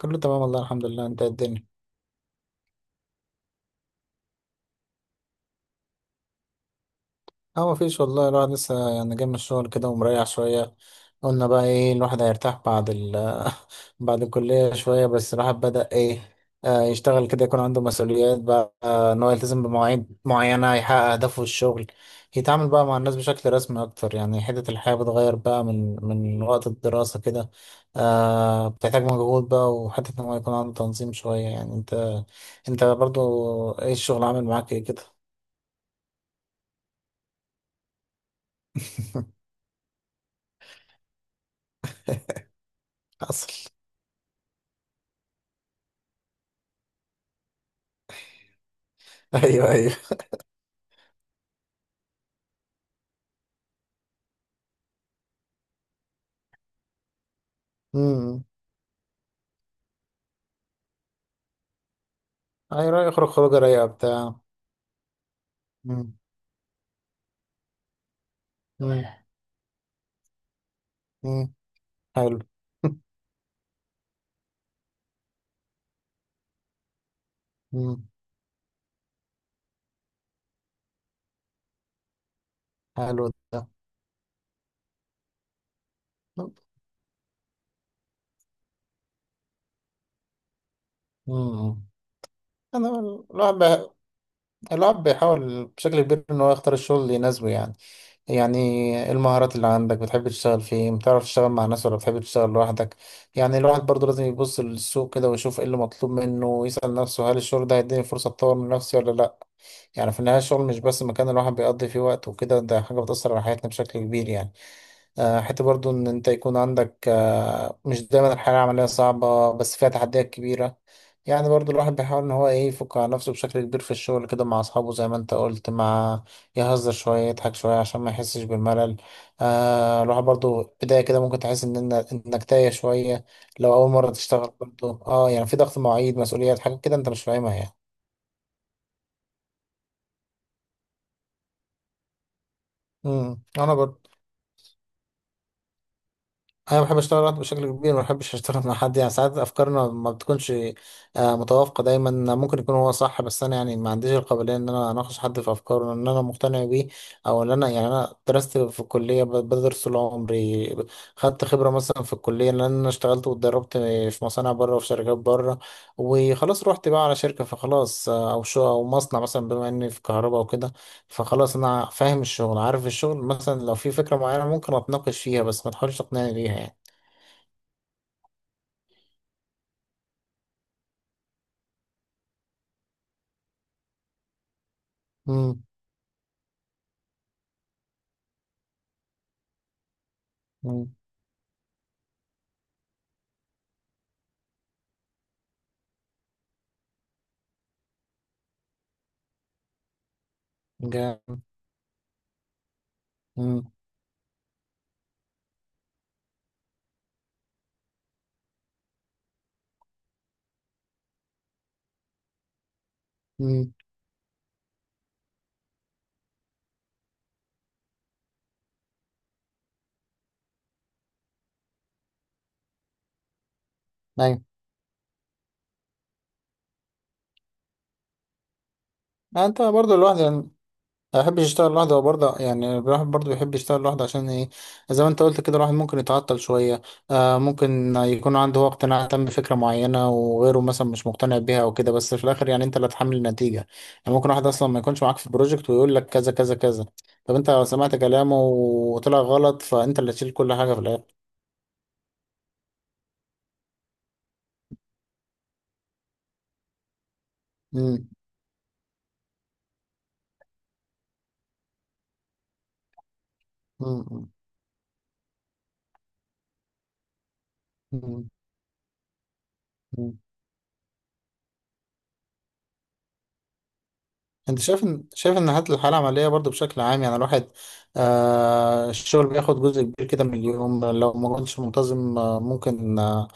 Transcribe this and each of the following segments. كله تمام والله، الحمد لله. انت ايه الدنيا؟ اه مفيش والله، الواحد لسه يعني جاي من الشغل كده ومريح شوية. قلنا بقى ايه، الواحد هيرتاح بعد بعد الكلية شوية، بس الواحد بدأ ايه، يشتغل كده، يكون عنده مسؤوليات بقى، ان هو يلتزم بمواعيد معينة، يحقق أهدافه في الشغل، يتعامل بقى مع الناس بشكل رسمي أكتر. يعني حتة الحياة بتغير بقى من وقت الدراسة كده. بتحتاج مجهود بقى، وحتة ان هو يكون عنده تنظيم شوية. يعني انت برضو ايه الشغل عامل معاك ايه كده؟ حصل. ايوه ايوه. امم. ايوه، يخرج خروجه رايقه بتاع. امم. امم. أمم. حلو. امم. حلو. ده. امم. انا الواحد بي- الواحد بيحاول بشكل كبير ان هو يختار الشغل اللي يناسبه. يعني يعني إيه المهارات اللي عندك، بتحب تشتغل فين، بتعرف تشتغل مع ناس ولا بتحب تشتغل لوحدك. يعني الواحد برضه لازم يبص للسوق كده ويشوف ايه اللي مطلوب منه، ويسأل نفسه هل الشغل ده هيديني فرصة اتطور من نفسي ولا لا. يعني في النهاية الشغل مش بس مكان الواحد بيقضي فيه وقت وكده، ده حاجة بتأثر على حياتنا بشكل كبير. يعني حتى برضو إن أنت يكون عندك مش دايما الحياة العملية صعبة، بس فيها تحديات كبيرة. يعني برضو الواحد بيحاول إن هو إيه يفك على نفسه بشكل كبير في الشغل كده مع أصحابه، زي ما أنت قلت، مع يهزر شوية، يضحك شوية عشان ما يحسش بالملل. الواحد برضو بداية كده ممكن تحس إن إنك تايه شوية لو أول مرة تشتغل. برضو يعني في ضغط مواعيد، مسؤوليات، حاجات كده أنت مش فاهمها. يعني امم، أنا برضو انا بحب اشتغل لوحدي بشكل كبير، ما بحبش اشتغل مع حد. يعني ساعات افكارنا ما بتكونش متوافقه دايما. ممكن يكون هو صح، بس انا يعني ما عنديش القابليه ان انا اناقش حد في افكاره ان انا مقتنع بيه، او ان انا يعني انا درست في الكليه، بدرس طول عمري، خدت خبره مثلا في الكليه لان انا اشتغلت واتدربت في مصانع بره وفي شركات بره، وخلاص رحت بقى على شركه فخلاص، او شو او مصنع مثلا، بما اني في كهرباء وكده. فخلاص انا فاهم الشغل، عارف الشغل، مثلا لو في فكره معينه ممكن اتناقش فيها، بس ما تحاولش تقنعني بيها. يعني مم. مم. جامد. مم. مم. أيوة. أنت برضه لوحدي. يعني ما بحبش أشتغل لوحدي وبرضه يعني الواحد برضه بيحب يشتغل لوحده عشان إيه، زي ما أنت قلت كده، الواحد ممكن يتعطل شوية. ممكن يكون عنده هو اقتناع تام بفكرة معينة وغيره مثلا مش مقتنع بيها أو كده، بس في الآخر يعني أنت اللي هتحمل النتيجة. يعني ممكن واحد أصلا ما يكونش معاك في البروجكت ويقول لك كذا كذا كذا. طب أنت لو سمعت كلامه وطلع غلط، فأنت اللي تشيل كل حاجة في الآخر. مم. مم. مم. مم. انت شايف ان الحالة العملية برضو بشكل عام، يعني الواحد الشغل بياخد جزء كبير كده من اليوم. لو ما كنتش منتظم ممكن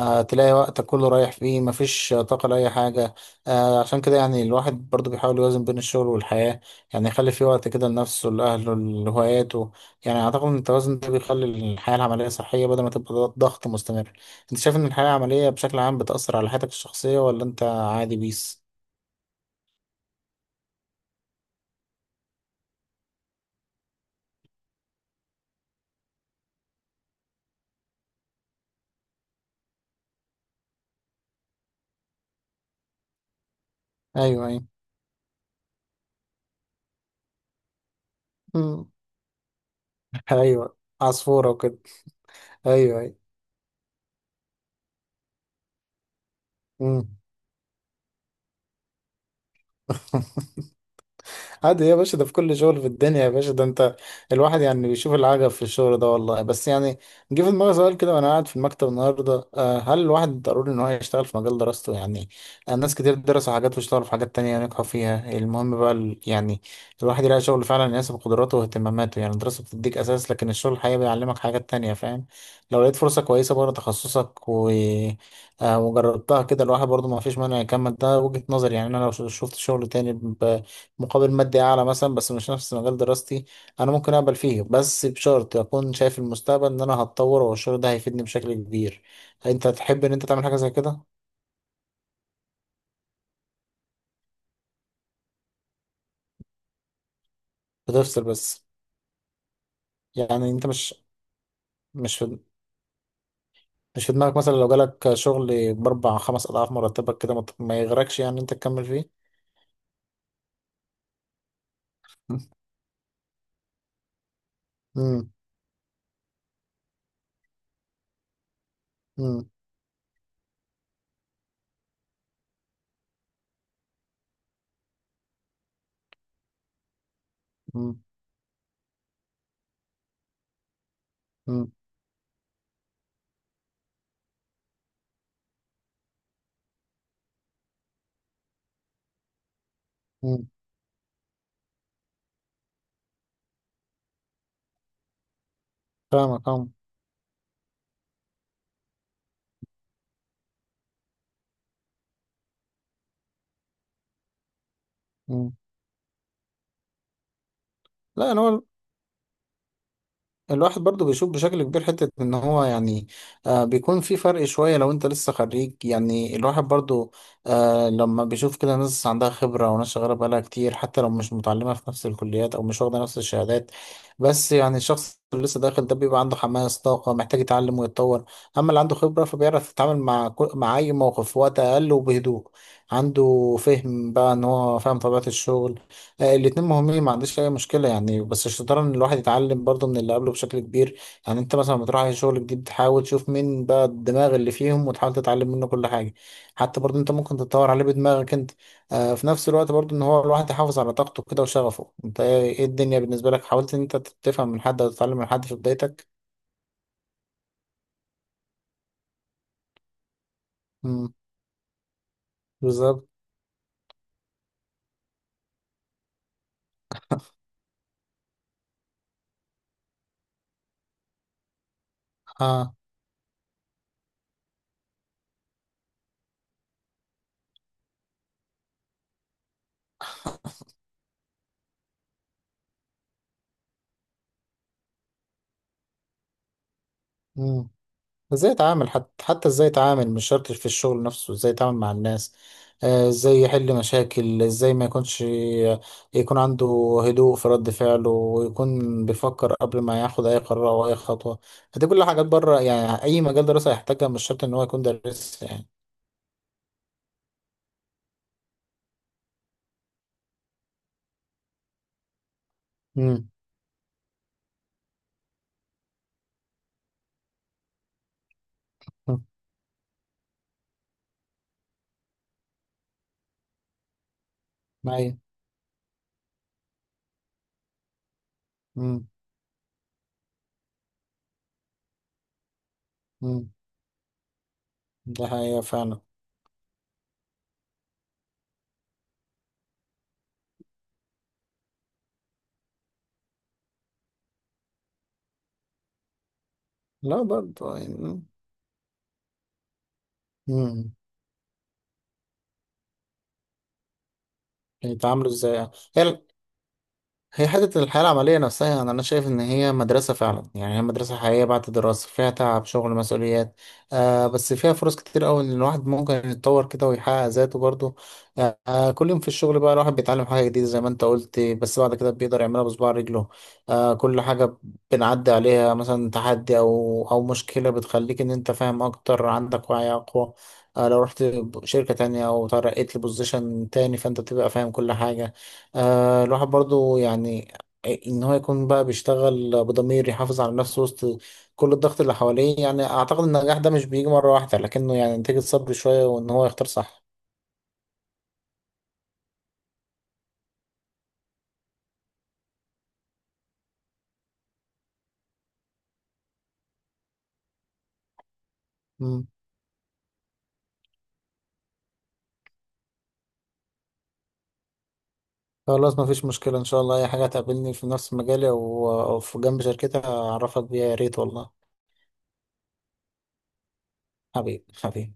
تلاقي وقتك كله رايح فيه، مفيش طاقة لأي حاجة. عشان كده يعني الواحد برضو بيحاول يوازن بين الشغل والحياة. يعني يخلي فيه وقت كده لنفسه، لأهله، لهواياته. يعني أعتقد إن التوازن ده بيخلي الحياة العملية صحية بدل ما تبقى ضغط مستمر. انت شايف ان الحياة العملية بشكل عام بتأثر على حياتك الشخصية، ولا انت عادي بيس؟ ايوه ايوه. ايوه، عصفورة وكده. ايوه ايوه. مم. عادي يا باشا، ده في كل شغل في الدنيا يا باشا. ده انت الواحد يعني بيشوف العجب في الشغل ده والله. بس يعني جه في دماغي سؤال كده وانا قاعد في المكتب النهارده، هل الواحد ضروري ان هو يشتغل في مجال دراسته؟ يعني ناس كتير درسوا حاجات واشتغلوا في حاجات تانية نجحوا فيها. المهم بقى يعني الواحد يلاقي شغل فعلا يناسب قدراته واهتماماته. يعني الدراسة بتديك اساس، لكن الشغل الحقيقي بيعلمك حاجات تانية، فاهم. لو لقيت فرصة كويسة بره تخصصك و وجربتها كده، الواحد برضه ما فيش مانع يكمل. ده وجهة نظري. يعني انا لو شفت شغل تاني مقابل مادي أعلى مثلا بس مش نفس مجال دراستي، أنا ممكن أقبل فيه، بس بشرط أكون شايف المستقبل إن أنا هتطور والشغل ده هيفيدني بشكل كبير. أنت تحب إن أنت تعمل حاجة زي كده؟ بتفصل بس؟ يعني أنت مش في مش في دماغك مثلا لو جالك شغل بأربع خمس أضعاف مرتبك كده ما يغرقش، يعني أنت تكمل فيه؟ مم. مم. مم. مم. مم. فاهمك فاهمك. مم. لا أنا الواحد برضو بيشوف بشكل كبير حتة ان هو يعني بيكون في فرق شوية لو انت لسه خريج. يعني الواحد برضو لما بيشوف كده ناس عندها خبرة، وناس شغالة بقالها كتير حتى لو مش متعلمة في نفس الكليات او مش واخدة نفس الشهادات. بس يعني الشخص اللي لسه داخل ده بيبقى عنده حماس، طاقة، محتاج يتعلم ويتطور. اما اللي عنده خبرة فبيعرف يتعامل مع مع اي موقف في وقت اقل وبهدوء. عنده فهم بقى ان هو فاهم طبيعة الشغل. الاتنين مهمين، ما عنديش اي مشكله. يعني بس الشطاره ان الواحد يتعلم برضه من اللي قبله بشكل كبير. يعني انت مثلا لما تروح على شغل جديد تحاول تشوف مين بقى الدماغ اللي فيهم، وتحاول تتعلم منه كل حاجه. حتى برضه انت ممكن تتطور عليه بدماغك انت. في نفس الوقت برضه ان هو الواحد يحافظ على طاقته كده وشغفه. انت ايه إيه الدنيا بالنسبه لك؟ حاولت ان انت تفهم من حد او تتعلم من حد في بدايتك؟ امم. بالظبط. اه. ازاي اتعامل، حتى ازاي اتعامل، مش شرط في الشغل نفسه، ازاي اتعامل مع الناس. ازاي يحل مشاكل، ازاي ما يكونش، يكون عنده هدوء في رد فعله، ويكون بيفكر قبل ما ياخد اي قرار او اي خطوة. دي كل حاجات بره يعني اي مجال دراسة يحتاجها، مش شرط ان هو يكون دارس. يعني امم. ايوه. امم. امم. ده حقيقة فعلا. لا برضه يعني. امم. يتعاملوا ازاي يعني. هي حتة الحياة العملية نفسها، يعني أنا شايف إن هي مدرسة فعلا. يعني هي مدرسة حقيقية بعد الدراسة، فيها تعب، شغل، مسؤوليات، بس فيها فرص كتير أوي إن الواحد ممكن يتطور كده ويحقق ذاته برضه. كل يوم في الشغل بقى الواحد بيتعلم حاجة جديدة زي ما أنت قلت، بس بعد كده بيقدر يعملها بصباع رجله. كل حاجة بنعدي عليها مثلا، تحدي أو مشكلة، بتخليك إن أنت فاهم أكتر، عندك وعي أقوى. لو رحت شركة تانية أو ترقيت لبوزيشن تاني، فأنت تبقى فاهم كل حاجة. الواحد برضو يعني ان هو يكون بقى بيشتغل بضمير، يحافظ على نفسه وسط كل الضغط اللي حواليه. يعني اعتقد ان النجاح ده مش بيجي مرة واحدة، لكنه يعني نتيجة صبر شوية وان هو يختار صح. مم. خلاص مفيش مشكلة، ان شاء الله اي حاجة هتقابلني في نفس مجالي أو في جنب شركتي هعرفك بيها. يا ريت والله. حبيبي حبيبي.